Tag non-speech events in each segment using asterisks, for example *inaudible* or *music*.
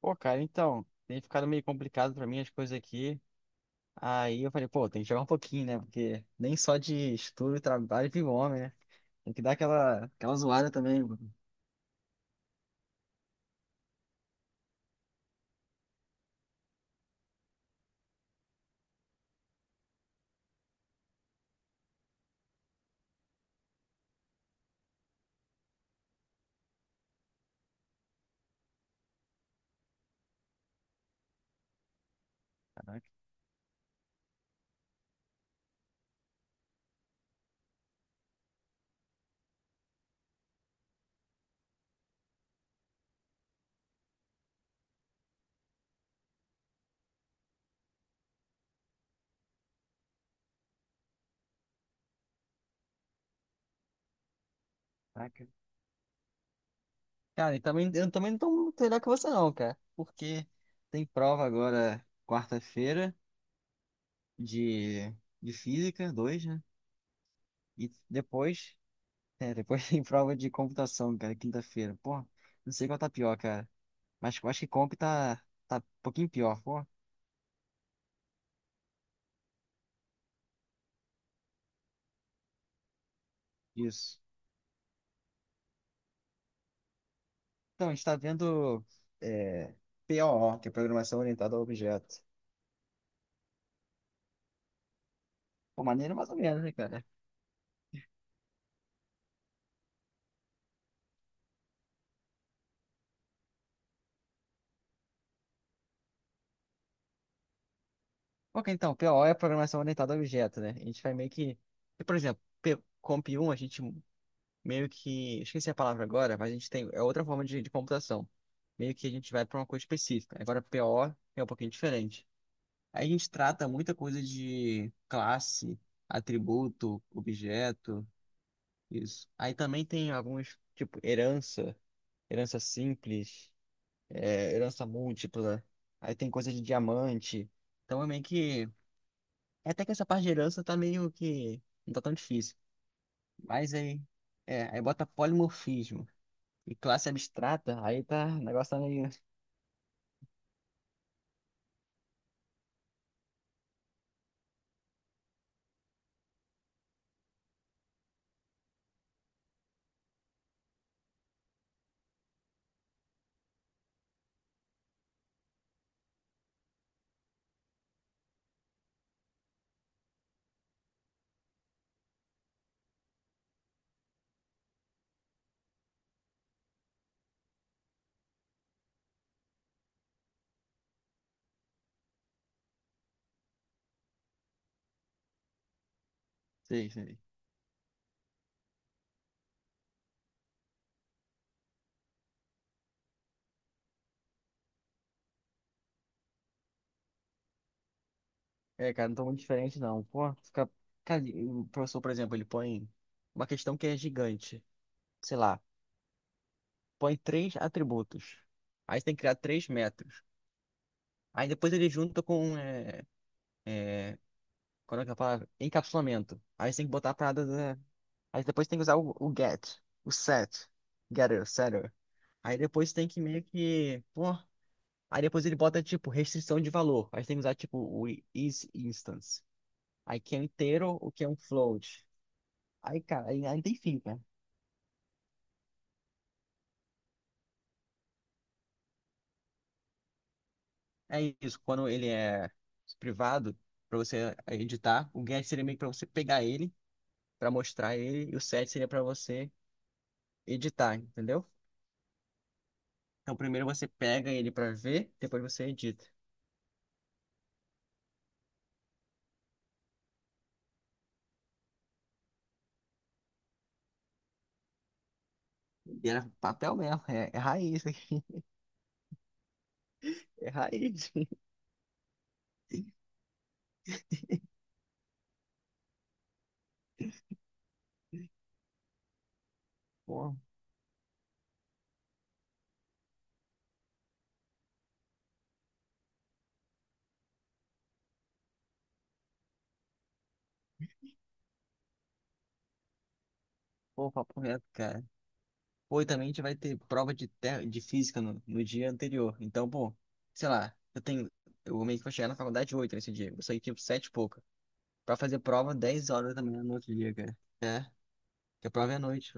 Pô, cara, então, tem ficado meio complicado pra mim as coisas aqui. Aí eu falei, pô, tem que jogar um pouquinho, né? Porque nem só de estudo e trabalho vive o homem, né? Tem que dar aquela zoada também, mano. Saca? Cara, e também, eu também não tô muito melhor que você não, cara. Porque tem prova agora quarta-feira de, de física, dois, né? E depois, depois *laughs* tem prova de computação, cara, quinta-feira. Pô, não sei qual tá pior, cara. Mas eu acho que comp tá um pouquinho pior, pô. Isso. Então, a gente está vendo é, POO, que é Programação Orientada a Objeto. Pô, maneiro mais ou menos, né, cara? Ok, então, POO é Programação Orientada a Objeto, né? A gente vai meio que... Por exemplo, Comp 1, a gente meio que... Esqueci a palavra agora, mas a gente tem... É outra forma de computação. Meio que a gente vai para uma coisa específica. Agora, POO é um pouquinho diferente. Aí a gente trata muita coisa de classe, atributo, objeto, isso. Aí também tem alguns, tipo, herança, herança simples herança múltipla, aí tem coisa de diamante. Então é meio que. É até que essa parte de herança tá meio que. Não tá tão difícil. Mas aí. É, aí bota polimorfismo. E classe abstrata, aí tá. O negócio tá meio. Sei, sei. É, cara, não tô muito diferente não. Pô, fica. Cara, e o professor, por exemplo, ele põe uma questão que é gigante. Sei lá, põe três atributos. Aí você tem que criar 3 metros. Aí depois ele junta com. É... Qual é que é a palavra? Encapsulamento. Aí você tem que botar a parada da- Aí depois tem que usar o get, o set, getter, setter. Aí depois tem que meio que, pô, aí depois ele bota tipo restrição de valor. Aí tem que usar tipo o is instance. Aí que é um inteiro, o que é um float. Aí, cara, aí não tem fim, cara. É isso, quando ele é privado, pra você editar, o get seria meio que pra você pegar ele, pra mostrar ele, e o set seria pra você editar, entendeu? Então primeiro você pega ele pra ver, depois você edita. E era papel mesmo, é raiz. É raiz. *laughs* Pô, pô, papo reto, cara. Pô, e também a gente vai ter prova de física no dia anterior. Então, pô, sei lá, eu tenho. Eu meio que vou chegar na faculdade 8 nesse dia. Eu saí tipo 7 e pouca. Pra fazer prova 10 horas também manhã no outro dia, cara. É, porque a prova é à noite.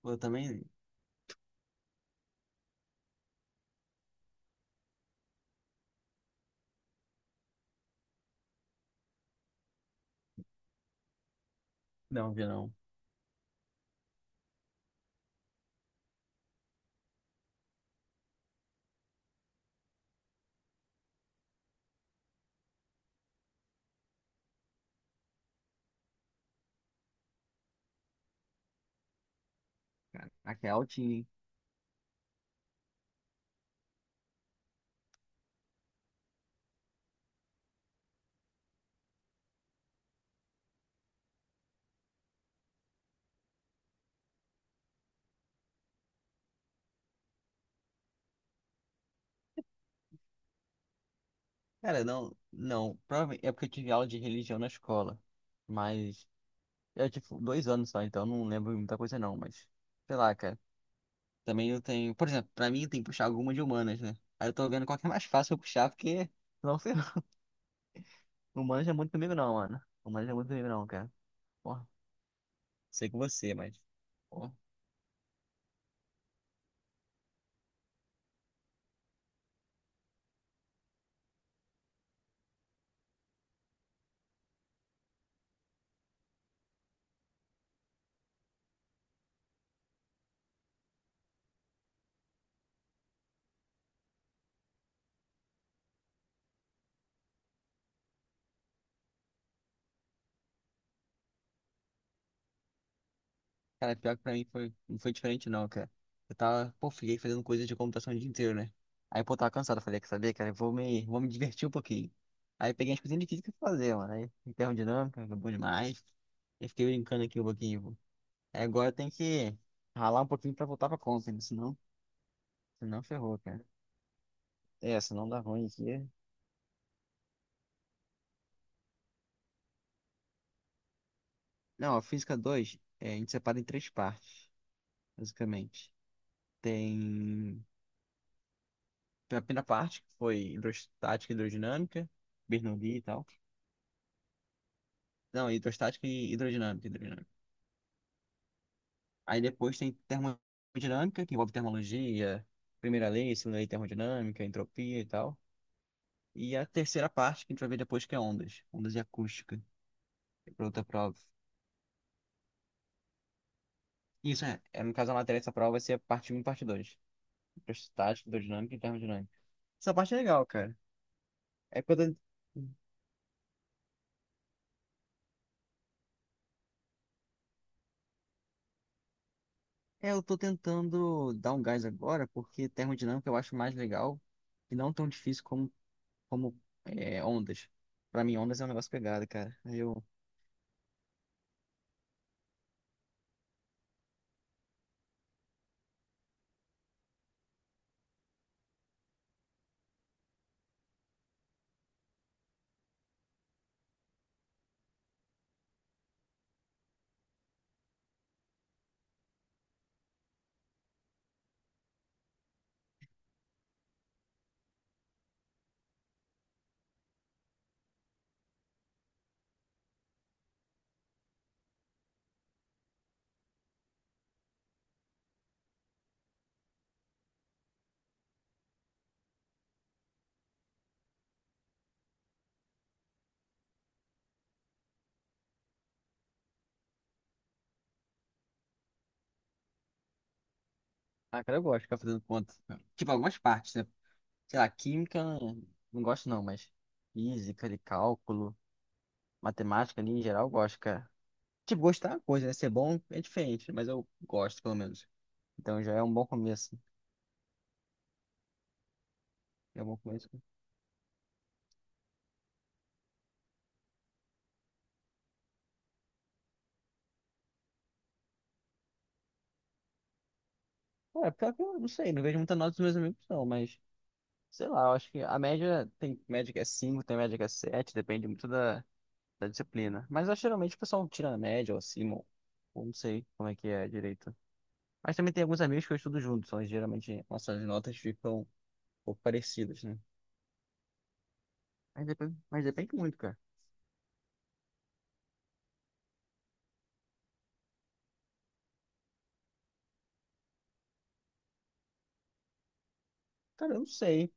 Pô, eu também. Não, vi não. Caraca, é altinho, hein? Cara, não, não. Provavelmente é porque eu tive aula de religião na escola. Mas. Eu tive 2 anos só, então não lembro muita coisa, não. Mas, sei lá, cara. Também eu tenho. Por exemplo, pra mim tem que puxar alguma de humanas, né? Aí eu tô vendo qual que é mais fácil eu puxar, porque. Não sei. *laughs* não. Humanas é muito comigo, não, mano. Humanas é muito comigo, não, cara. Porra, sei com você, mas. Porra. Cara, pior que pra mim foi... não foi diferente, não, cara. Eu tava. Pô, fiquei fazendo coisa de computação o dia inteiro, né? Aí, pô, tava cansado. Falei, quer saber, cara? Vou me divertir um pouquinho. Aí peguei as coisinhas de física pra fazer, mano. Aí, termodinâmica, foi bom demais. Eu fiquei brincando aqui um pouquinho, pô. Aí agora tem que ralar um pouquinho pra voltar pra conta, né? Senão ferrou, cara. É, se não dá ruim aqui. É. Não, a física 2 a gente separa em três partes, basicamente. Tem a primeira parte, que foi hidrostática e hidrodinâmica, Bernoulli e tal. Não, hidrostática e hidrodinâmica, Aí depois tem termodinâmica, que envolve termologia, primeira lei, segunda lei de termodinâmica, entropia e tal. E a terceira parte, que a gente vai ver depois, que é ondas, ondas e acústica, que é para outra prova. Isso é, no caso, a matéria dessa prova vai ser a parte um e parte dois. Hidrostática, hidrodinâmica e termodinâmica. Essa parte é legal, cara. É que eu tô... É, eu tô tentando dar um gás agora, porque termodinâmica eu acho mais legal e não tão difícil como, como ondas. Pra mim, ondas é um negócio pegado, cara. Aí eu... Ah, cara, eu gosto de ficar fazendo conta. Tipo, algumas partes, né? Sei lá, química, não gosto não, mas física, de cálculo, matemática ali em geral, eu gosto, cara. Tipo, gostar é uma coisa, né? Ser bom é diferente, mas eu gosto, pelo menos. Então já é um bom começo. É um bom começo. É, pior que eu não sei, não vejo muita nota dos meus amigos, não, mas... Sei lá, eu acho que a média tem média que é 5, tem média que é 7, depende muito da disciplina. Mas eu, geralmente o pessoal tira a média ou acima, ou não sei como é que é direito. Mas também tem alguns amigos que eu estudo junto, então geralmente nossas notas ficam um pouco parecidas, né? Mas depende muito, cara. Cara, eu não sei.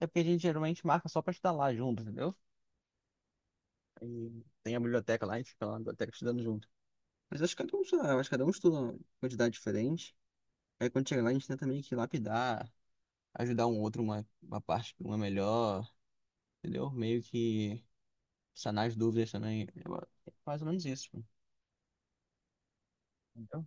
É porque a gente geralmente marca só pra estudar lá junto, entendeu? E tem a biblioteca lá, a gente fica lá na biblioteca estudando junto. Mas acho que cada um, sei lá, acho que cada um estuda uma quantidade diferente. Aí quando chega lá, a gente tenta meio que lapidar, ajudar um outro, uma parte que uma é melhor, entendeu? Meio que sanar as dúvidas também. É mais ou menos isso, pô, entendeu?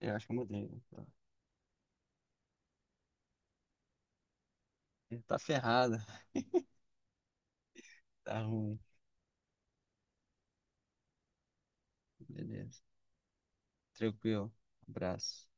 Eu acho que eu mudei, né? Tá ferrado, tá ruim, beleza. Tranquilo, abraço.